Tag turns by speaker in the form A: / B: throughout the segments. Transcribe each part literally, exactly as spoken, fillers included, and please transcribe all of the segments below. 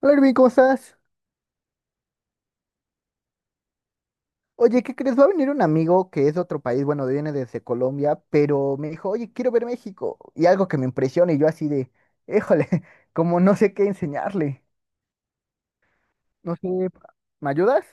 A: Hola, Irving, ¿cómo estás? Oye, ¿qué crees? Va a venir un amigo que es de otro país, bueno, viene desde Colombia, pero me dijo, oye, quiero ver México. Y algo que me impresiona, y yo así de, híjole, como no sé qué enseñarle. No sé, ¿me ayudas?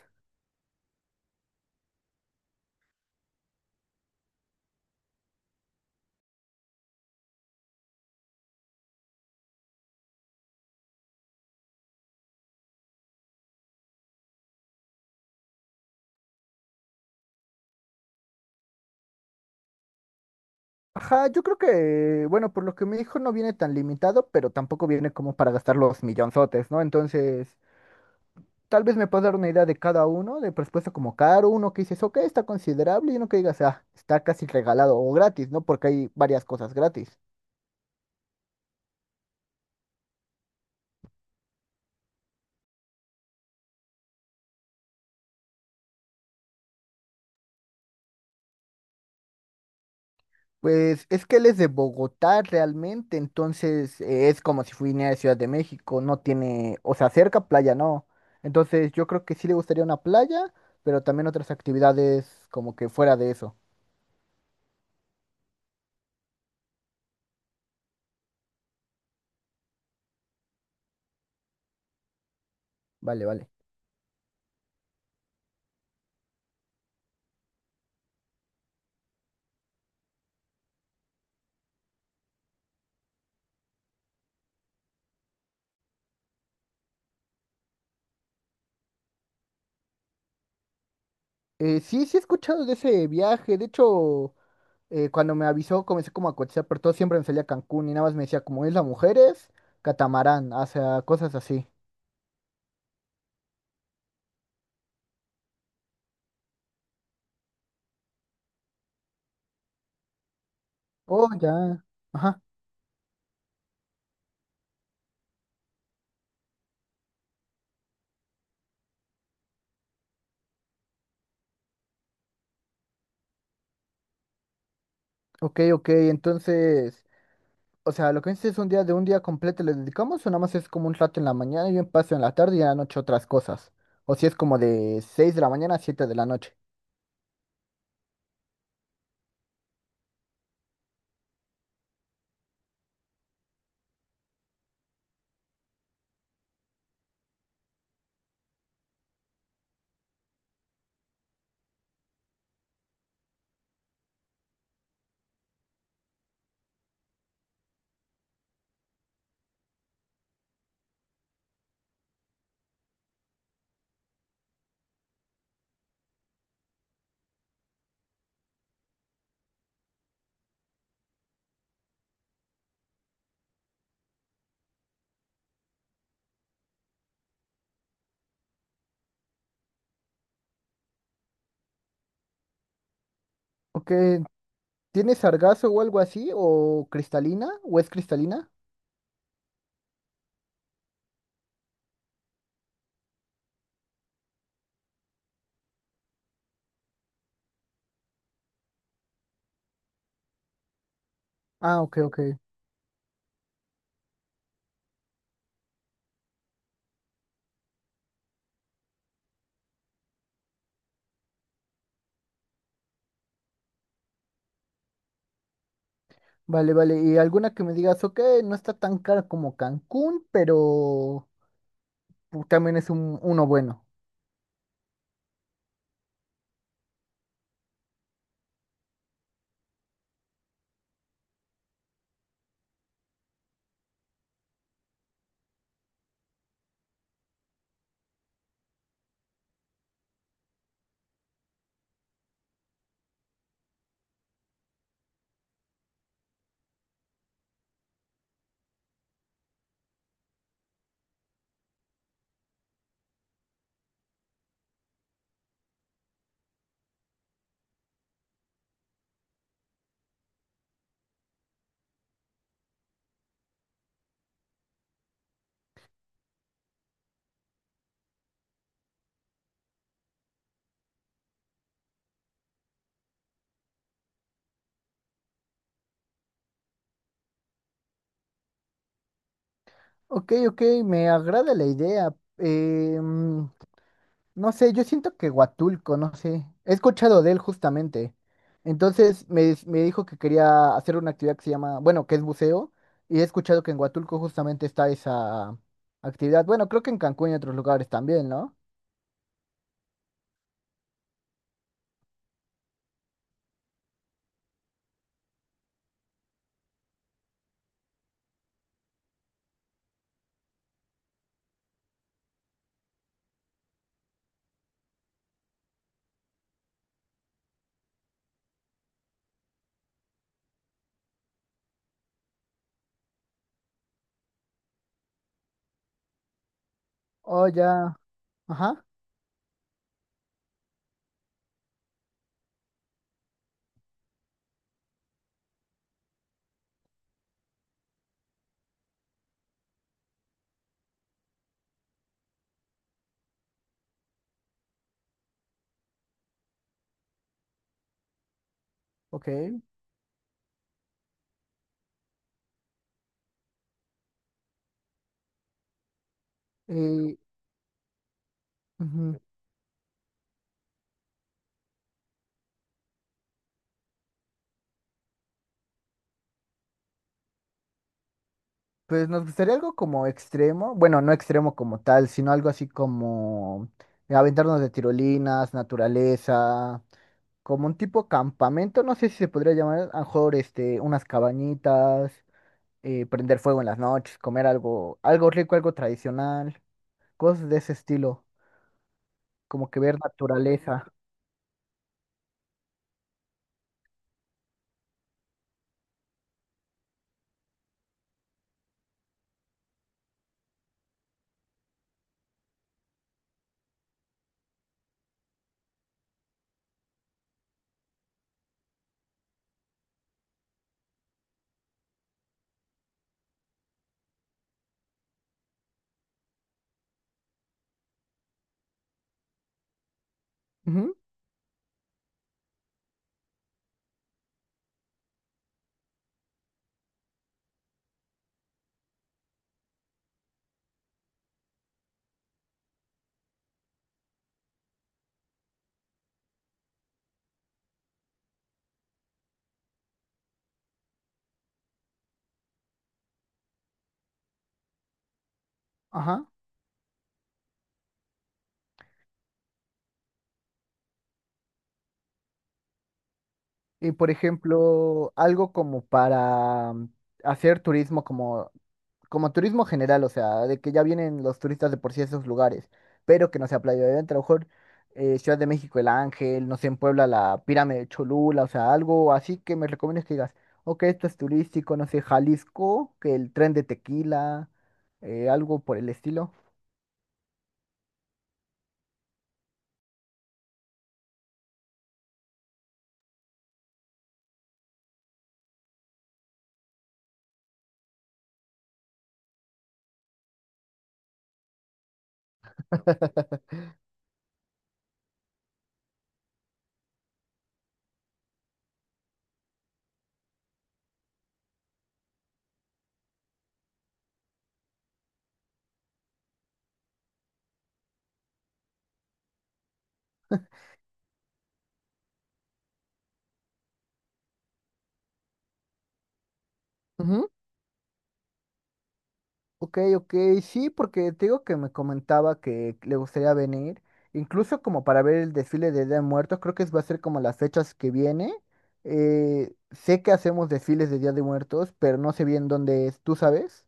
A: Ajá, yo creo que, bueno, por lo que me dijo no viene tan limitado, pero tampoco viene como para gastar los millonzotes, ¿no? Entonces, tal vez me puedas dar una idea de cada uno, de presupuesto como caro, uno que dices, ok, está considerable, y uno que digas, ah, está casi regalado o gratis, ¿no? Porque hay varias cosas gratis. Pues es que él es de Bogotá realmente, entonces eh, es como si fuera de Ciudad de México, no tiene, o sea, cerca playa, no. Entonces yo creo que sí le gustaría una playa, pero también otras actividades como que fuera de eso. Vale, vale. Eh, sí, sí he escuchado de ese viaje, de hecho, eh, cuando me avisó comencé como a cotizar, pero todo siempre me salía Cancún y nada más me decía como Isla Mujeres, Catamarán, o sea, cosas así. Oh, ya. Ajá. Ok, ok, entonces... O sea, lo que dices es un día de un día completo le dedicamos o nada más es como un rato en la mañana y un paso en la tarde y en la noche otras cosas. O si es como de seis de la mañana a siete de la noche. Ok, ¿tiene sargazo o algo así? ¿O cristalina? ¿O es cristalina? Ah, ok, ok. Vale, vale. Y alguna que me digas, ok, no está tan cara como Cancún, pero pu- también es un, uno bueno. Ok, ok, me agrada la idea. Eh, mm, No sé, yo siento que Huatulco, no sé. He escuchado de él justamente. Entonces me, me dijo que quería hacer una actividad que se llama, bueno, que es buceo. Y he escuchado que en Huatulco justamente está esa actividad. Bueno, creo que en Cancún y otros lugares también, ¿no? Oh, ya. Ajá. Ok. Y, ujú, pues nos gustaría algo como extremo. Bueno, no extremo como tal, sino algo así como eh, aventarnos de tirolinas, naturaleza. Como un tipo campamento, no sé si se podría llamar, a lo mejor este, unas cabañitas, eh, prender fuego en las noches, comer algo, algo rico, algo tradicional, cosas de ese estilo, como que ver naturaleza. Ujú, ajá. Y por ejemplo, algo como para mm, hacer turismo como como turismo general, o sea, de que ya vienen los turistas de por sí a esos lugares, pero que no sea Playa de Dentro, a lo mejor eh, Ciudad de México, El Ángel, no sé, en Puebla, la Pirámide de Cholula, o sea, algo así que me recomiendes que digas, ok, esto es turístico, no sé, Jalisco, que el tren de Tequila, eh, algo por el estilo. Ok, ok, sí, porque te digo que me comentaba que le gustaría venir, incluso como para ver el desfile de Día de Muertos, creo que es- va a ser como las fechas que viene. Eh, sé que hacemos desfiles de Día de Muertos, pero no sé bien dónde es, ¿tú sabes?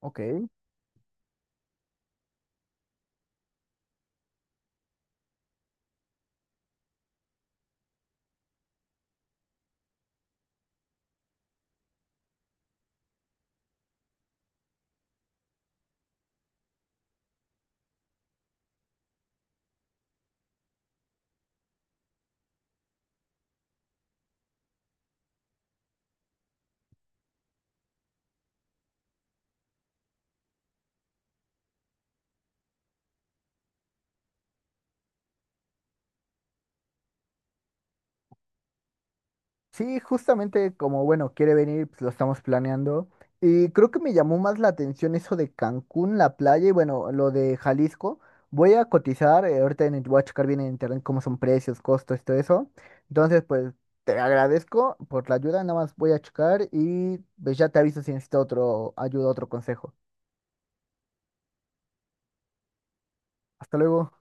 A: Ok. Sí, justamente como, bueno, quiere venir, pues lo estamos planeando. Y creo que me llamó más la atención eso de Cancún, la playa y bueno, lo de Jalisco. Voy a cotizar, eh, ahorita en, voy a checar bien en internet cómo son precios, costos, todo eso. Entonces, pues te agradezco por la ayuda, nada más voy a checar y pues ya te aviso si necesito otro ayuda, otro consejo. Hasta luego.